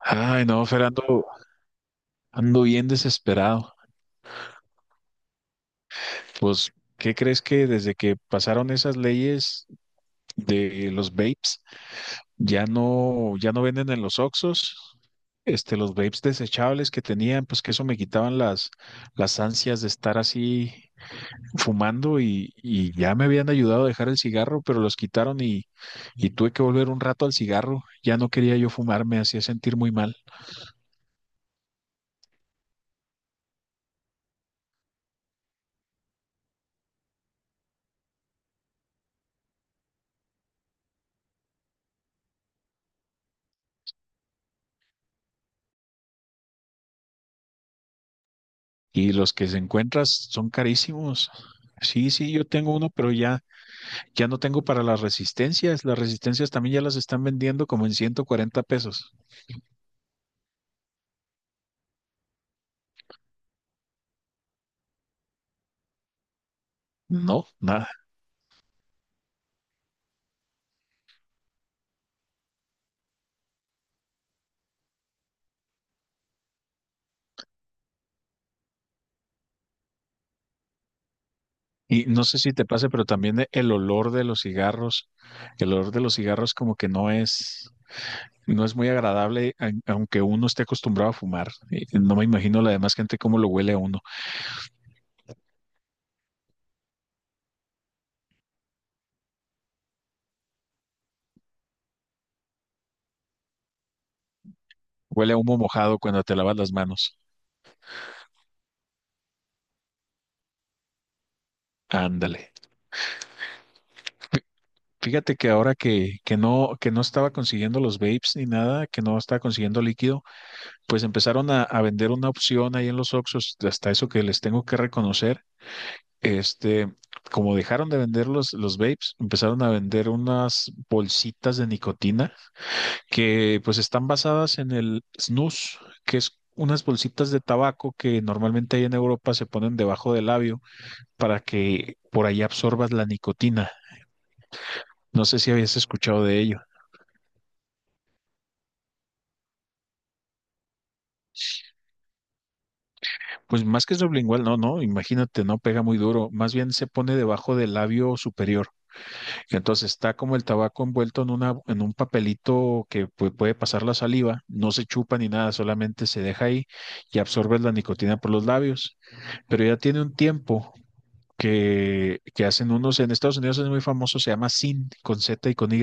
Ay, no, Fernando, ando bien desesperado. Pues, ¿qué crees que desde que pasaron esas leyes de los vapes, ya no, ya no venden en los Oxxos? Este, los vapes desechables que tenían, pues que eso me quitaban las ansias de estar así fumando y ya me habían ayudado a dejar el cigarro, pero los quitaron y tuve que volver un rato al cigarro. Ya no quería yo fumar, me hacía sentir muy mal. Y los que se encuentras son carísimos. Sí, sí, yo tengo uno, pero ya no tengo para las resistencias. Las resistencias también ya las están vendiendo como en 140 pesos. No, nada. Y no sé si te pase, pero también el olor de los cigarros, el olor de los cigarros como que no es muy agradable, aunque uno esté acostumbrado a fumar. Y no me imagino la demás gente cómo lo huele a uno. Huele a humo mojado cuando te lavas las manos. Ándale. Fíjate que ahora que no estaba consiguiendo los vapes ni nada, que no estaba consiguiendo líquido, pues empezaron a vender una opción ahí en los Oxxos, hasta eso que les tengo que reconocer. Este, como dejaron de vender los vapes, empezaron a vender unas bolsitas de nicotina que pues están basadas en el snus, que es unas bolsitas de tabaco que normalmente ahí en Europa se ponen debajo del labio para que por ahí absorbas la nicotina. No sé si habías escuchado de ello. Pues más que sublingual, no, no, imagínate, no pega muy duro, más bien se pone debajo del labio superior. Entonces está como el tabaco envuelto en una, en un papelito que puede pasar la saliva, no se chupa ni nada, solamente se deja ahí y absorbes la nicotina por los labios. Pero ya tiene un tiempo que hacen unos. En Estados Unidos es muy famoso, se llama sin con Z y con Y,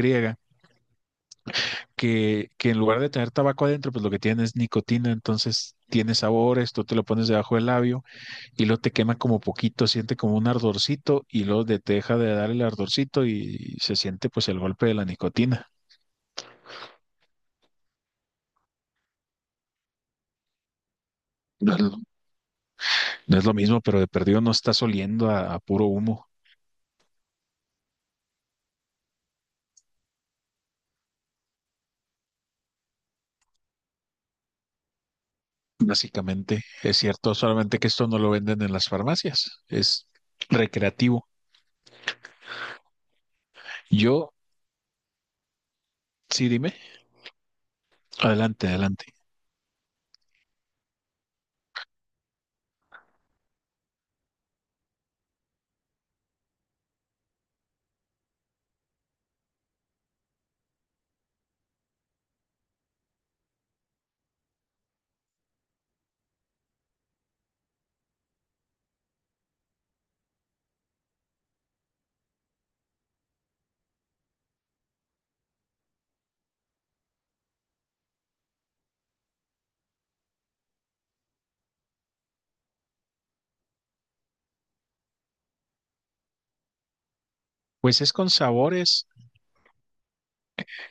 que en lugar de tener tabaco adentro, pues lo que tiene es nicotina, entonces tiene sabores, tú te lo pones debajo del labio y luego te quema como poquito, siente como un ardorcito y luego te deja de dar el ardorcito y se siente pues el golpe de la nicotina. No es lo, no es lo mismo, pero de perdido no estás oliendo a puro humo, básicamente. Es cierto, solamente que esto no lo venden en las farmacias, es recreativo. Yo, sí, dime, adelante, adelante. Pues es con sabores.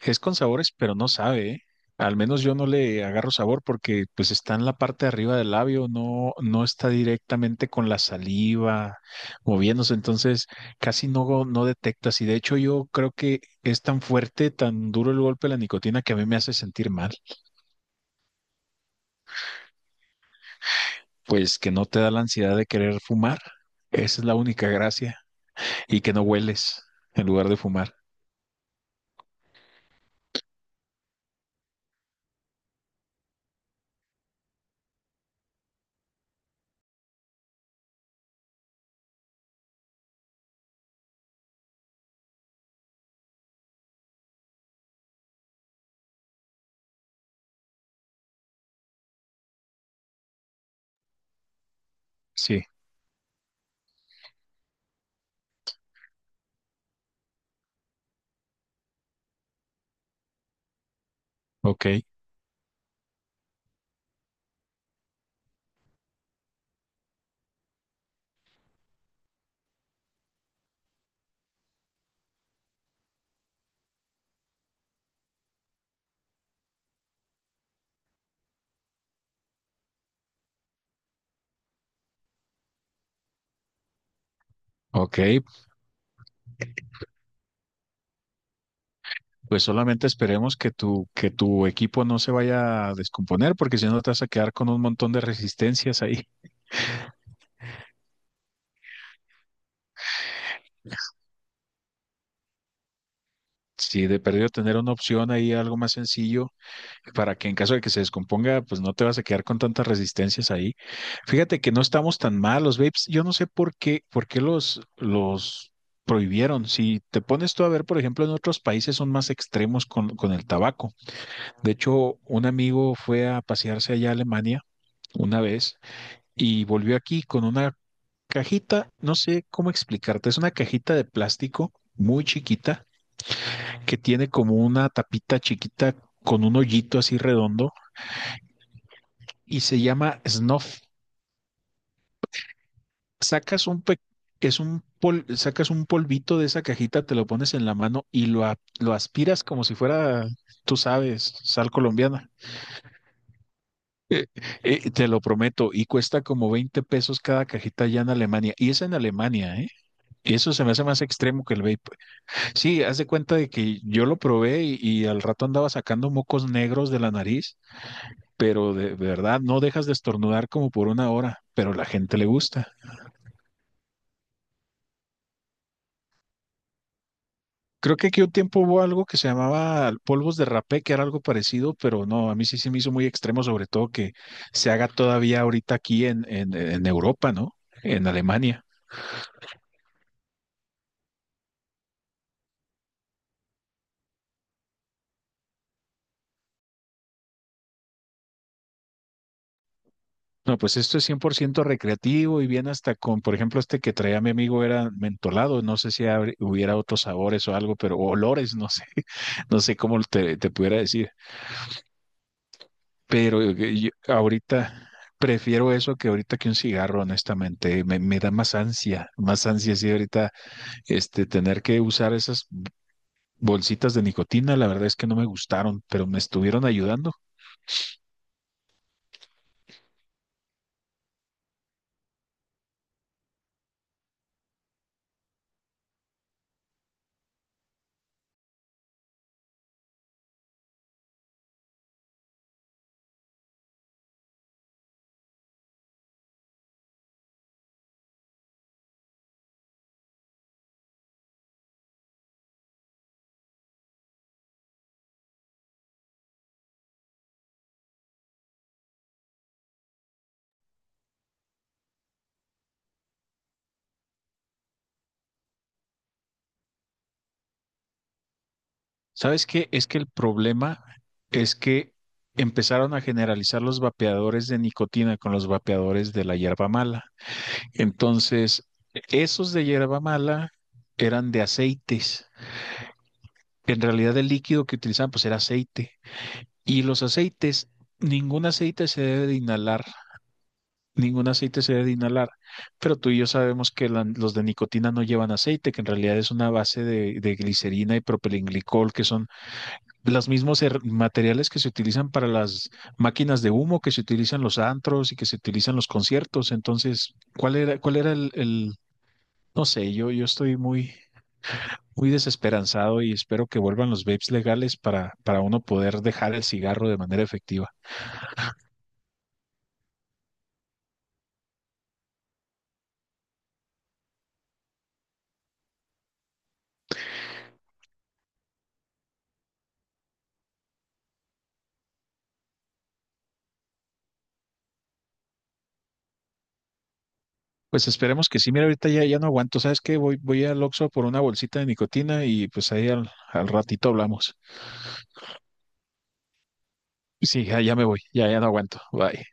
Es con sabores, pero no sabe, ¿eh? Al menos yo no le agarro sabor porque pues está en la parte de arriba del labio, no, no está directamente con la saliva moviéndose, entonces casi no, no detectas. Y de hecho yo creo que es tan fuerte, tan duro el golpe de la nicotina que a mí me hace sentir mal, pues que no te da la ansiedad de querer fumar. Esa es la única gracia. Y que no hueles en lugar de fumar. Sí, ok, ok, pues solamente esperemos que tu equipo no se vaya a descomponer, porque si no te vas a quedar con un montón de resistencias ahí. Si de perdido tener una opción ahí, algo más sencillo, para que en caso de que se descomponga, pues no te vas a quedar con tantas resistencias ahí. Fíjate que no estamos tan mal, los vapes. Yo no sé por qué los prohibieron. Si te pones tú a ver, por ejemplo, en otros países son más extremos con el tabaco. De hecho, un amigo fue a pasearse allá a Alemania una vez y volvió aquí con una cajita, no sé cómo explicarte, es una cajita de plástico muy chiquita que tiene como una tapita chiquita con un hoyito así redondo y se llama snuff. Sacas un pe- Sacas un polvito de esa cajita, te lo pones en la mano y lo, lo aspiras como si fuera, tú sabes, sal colombiana. Te lo prometo, y cuesta como 20 pesos cada cajita allá en Alemania. Y es en Alemania, ¿eh? Eso se me hace más extremo que el vape. Sí, haz de cuenta de que yo lo probé y al rato andaba sacando mocos negros de la nariz, pero de verdad no dejas de estornudar como por una hora, pero a la gente le gusta. Creo que aquí un tiempo hubo algo que se llamaba polvos de rapé, que era algo parecido, pero no, a mí sí se me hizo muy extremo, sobre todo que se haga todavía ahorita aquí en Europa, ¿no? En Alemania. No, pues esto es 100% recreativo y bien hasta con, por ejemplo, este que traía mi amigo era mentolado, no sé si hubiera otros sabores o algo, pero o olores, no sé, no sé cómo te pudiera decir, pero yo ahorita prefiero eso que ahorita que un cigarro, honestamente, me da más ansia, sí, ahorita, este, tener que usar esas bolsitas de nicotina, la verdad es que no me gustaron, pero me estuvieron ayudando. ¿Sabes qué? Es que el problema es que empezaron a generalizar los vapeadores de nicotina con los vapeadores de la hierba mala. Entonces, esos de hierba mala eran de aceites. En realidad el líquido que utilizaban pues era aceite. Y los aceites, ningún aceite se debe de inhalar, ningún aceite se debe de inhalar. Pero tú y yo sabemos que los de nicotina no llevan aceite, que en realidad es una base de glicerina y propilenglicol, que son los mismos materiales que se utilizan para las máquinas de humo, que se utilizan los antros y que se utilizan los conciertos. Entonces, ¿cuál era el, no sé, yo estoy muy, muy desesperanzado y espero que vuelvan los vapes legales para uno poder dejar el cigarro de manera efectiva. Pues esperemos que sí. Mira, ahorita ya no aguanto. ¿Sabes qué? Voy, voy al Oxxo por una bolsita de nicotina y pues ahí al ratito hablamos. Sí, ya me voy. Ya no aguanto. Bye.